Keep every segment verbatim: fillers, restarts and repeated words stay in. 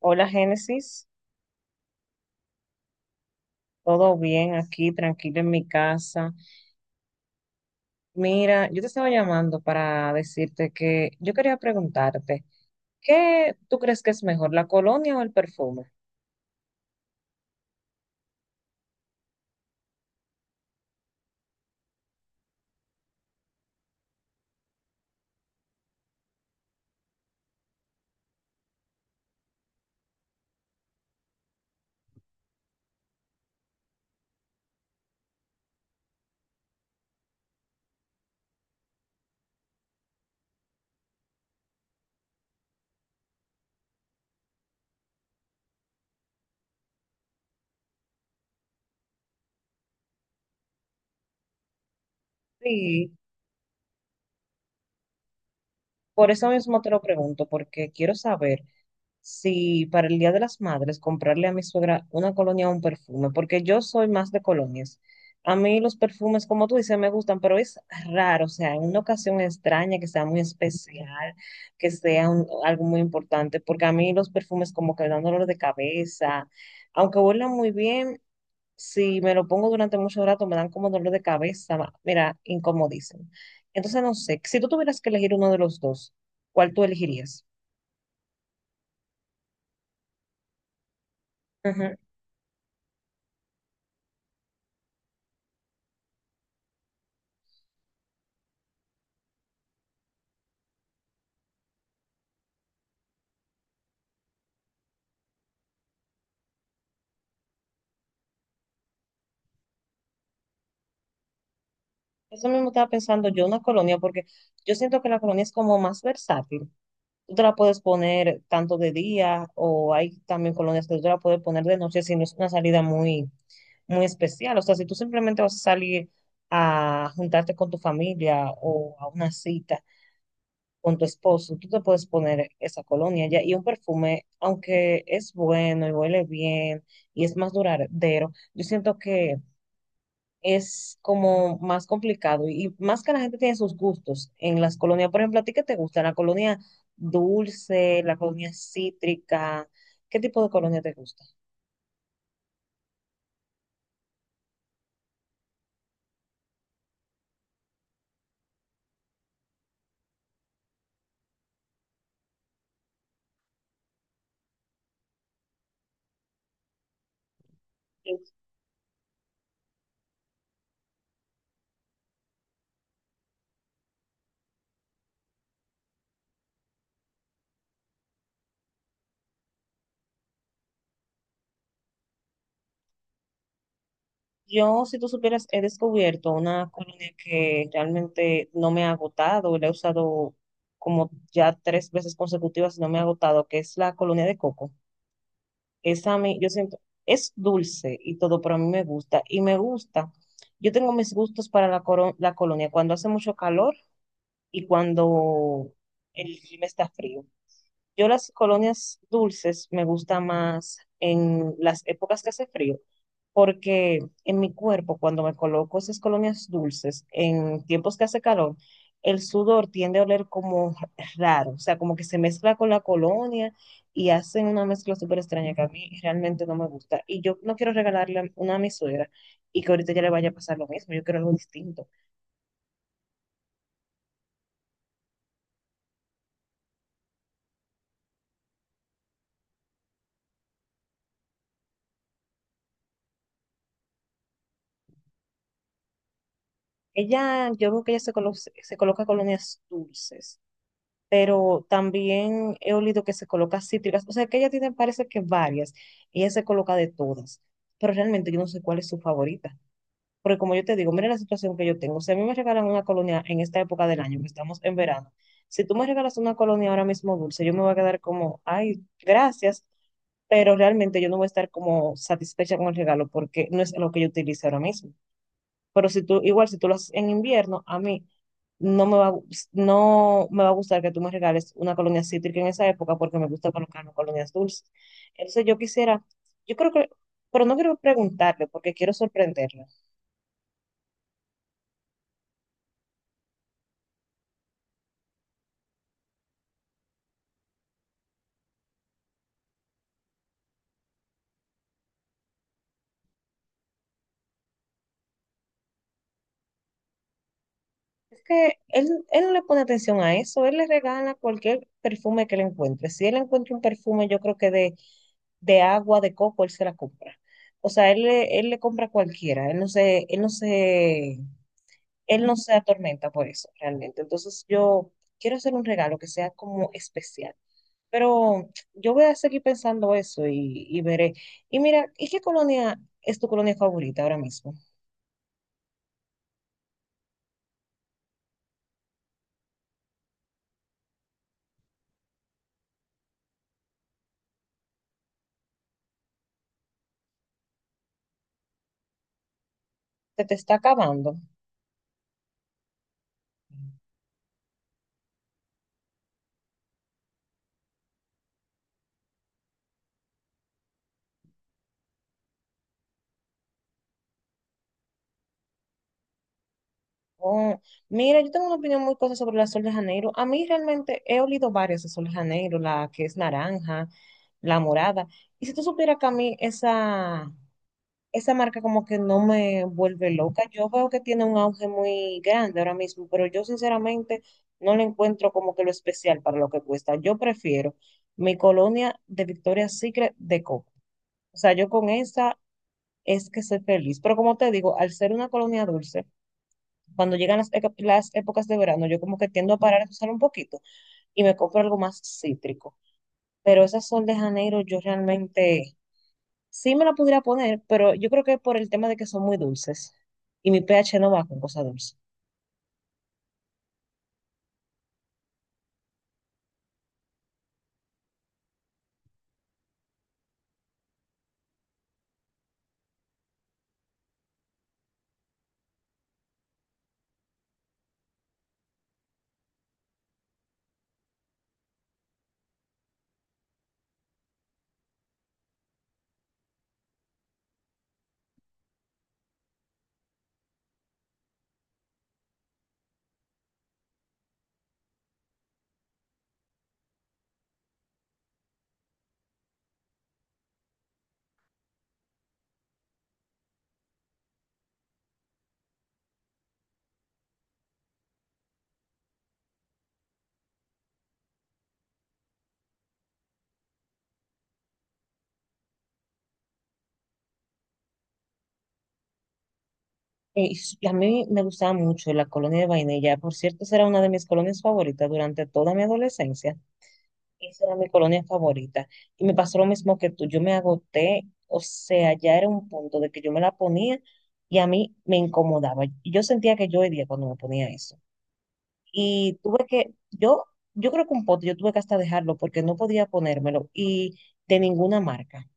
Hola Génesis, todo bien aquí, tranquilo en mi casa. Mira, yo te estaba llamando para decirte que yo quería preguntarte, ¿qué tú crees que es mejor, la colonia o el perfume? Sí, por eso mismo te lo pregunto, porque quiero saber si para el Día de las Madres comprarle a mi suegra una colonia o un perfume, porque yo soy más de colonias. A mí los perfumes, como tú dices, me gustan, pero es raro, o sea, en una ocasión extraña, que sea muy especial, que sea un- algo muy importante, porque a mí los perfumes como que me dan dolor de cabeza, aunque huelan muy bien, si me lo pongo durante mucho rato me dan como dolor de cabeza, mira, incomodísimo. Entonces, no sé, si tú tuvieras que elegir uno de los dos, ¿cuál tú elegirías? Eso mismo estaba pensando yo, una colonia, porque yo siento que la colonia es como más versátil. Tú te la puedes poner tanto de día o hay también colonias que tú te la puedes poner de noche si no es una salida muy, muy especial. O sea, si tú simplemente vas a salir a juntarte con tu familia o a una cita con tu esposo, tú te puedes poner esa colonia ya. Y un perfume, aunque es bueno y huele bien y es más duradero, yo siento que es como más complicado y más que la gente tiene sus gustos en las colonias. Por ejemplo, ¿a ti qué te gusta? ¿La colonia dulce, la colonia cítrica? ¿Qué tipo de colonia te gusta? Yo, si tú supieras, he descubierto una colonia que realmente no me ha agotado, la he usado como ya tres veces consecutivas y no me ha agotado, que es la colonia de Coco. Esa a mí, yo siento, es dulce y todo, pero a mí me gusta. Y me gusta. Yo tengo mis gustos para la, coro- la colonia cuando hace mucho calor y cuando el clima está frío. Yo las colonias dulces me gusta más en las épocas que hace frío, porque en mi cuerpo, cuando me coloco esas colonias dulces, en tiempos que hace calor, el sudor tiende a oler como raro, o sea, como que se mezcla con la colonia y hacen una mezcla súper extraña que a mí realmente no me gusta. Y yo no quiero regalarle una a mi suegra y que ahorita ya le vaya a pasar lo mismo, yo quiero algo distinto. Ella, yo veo que ella se, colo- se coloca colonias dulces, pero también he olido que se coloca cítricas, o sea que ella tiene, parece que varias, y ella se coloca de todas, pero realmente yo no sé cuál es su favorita, porque como yo te digo, mira la situación que yo tengo, si a mí me regalan una colonia en esta época del año, que estamos en verano, si tú me regalas una colonia ahora mismo dulce, yo me voy a quedar como, ay, gracias, pero realmente yo no voy a estar como satisfecha con el regalo porque no es lo que yo utilice ahora mismo. Pero si tú, igual si tú lo haces en invierno, a mí no me va, a gus- no me va a gustar que tú me regales una colonia cítrica en esa época porque me gusta colocarme colonias dulces. Entonces yo quisiera, yo creo que, pero no quiero preguntarle porque quiero sorprenderlo. Es que él, él no le pone atención a eso, él le regala cualquier perfume que le encuentre. Si él encuentra un perfume, yo creo que de, de agua, de coco, él se la compra. O sea, él le, él le compra cualquiera, él no se, él no se él no se atormenta por eso realmente. Entonces yo quiero hacer un regalo que sea como especial. Pero yo voy a seguir pensando eso y, y veré. Y mira, ¿y qué colonia es tu colonia favorita ahora mismo? Se te está acabando. Oh, mira, yo tengo una opinión muy cosa sobre la Sol de Janeiro. A mí realmente he olido varias de Sol de Janeiro, la que es naranja, la morada. Y si tú supieras que a mí esa, esa marca como que no me vuelve loca. Yo veo que tiene un auge muy grande ahora mismo, pero yo sinceramente no le encuentro como que lo especial para lo que cuesta. Yo prefiero mi colonia de Victoria's Secret de coco. O sea, yo con esa es que soy feliz. Pero como te digo, al ser una colonia dulce, cuando llegan las, eca- las épocas de verano, yo como que tiendo a parar de usar un poquito y me compro algo más cítrico. Pero esas Sol de Janeiro, yo realmente sí me la pudiera poner, pero yo creo que por el tema de que son muy dulces y mi pH no va con cosas dulces. Y s- y a mí me gustaba mucho la colonia de vainilla. Por cierto, esa era una de mis colonias favoritas durante toda mi adolescencia. Esa era mi colonia favorita. Y me pasó lo mismo que tú. Yo me agoté, o sea, ya era un punto de que yo me la ponía y a mí me incomodaba. Y yo sentía que yo hería cuando me ponía eso. Y tuve que, yo, yo, creo que un pote, yo tuve que hasta dejarlo porque no podía ponérmelo y de ninguna marca.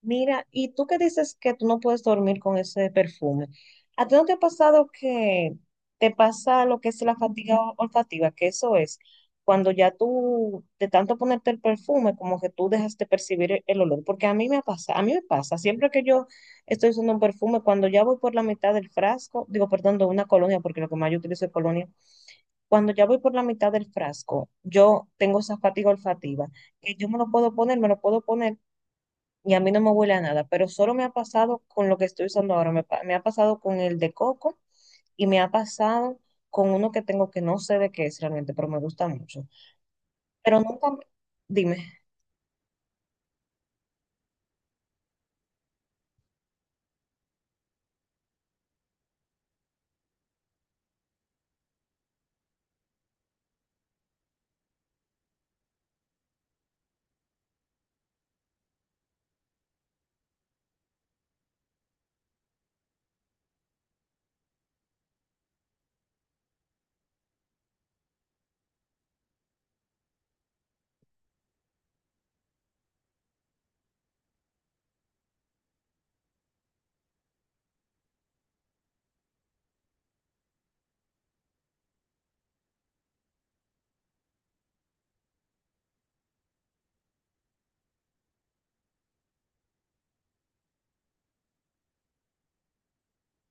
Mira, y tú que dices que tú no puedes dormir con ese perfume, ¿a ti no te ha pasado que te pasa lo que es la fatiga o- olfativa? Que eso es cuando ya tú, de tanto ponerte el perfume, como que tú dejas de percibir el, el olor. Porque a mí me pasa, a mí me pasa, siempre que yo estoy usando un perfume, cuando ya voy por la mitad del frasco, digo, perdón, de una colonia, porque lo que más yo utilizo es colonia, cuando ya voy por la mitad del frasco, yo tengo esa fatiga olfativa, que yo me lo puedo poner, me lo puedo poner y a mí no me huele a nada, pero solo me ha pasado con lo que estoy usando ahora. Me, pa- me ha pasado con el de coco y me ha pasado con uno que tengo que no sé de qué es realmente, pero me gusta mucho. Pero nunca, dime,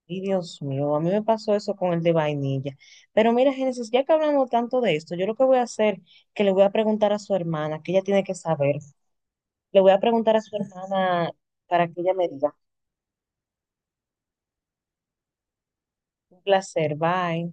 y Dios mío, a mí me pasó eso con el de vainilla. Pero mira, Génesis, ya que hablamos tanto de esto, yo lo que voy a hacer, que le voy a preguntar a su hermana, que ella tiene que saber. Le voy a preguntar a su hermana para que ella me diga. Un placer, bye.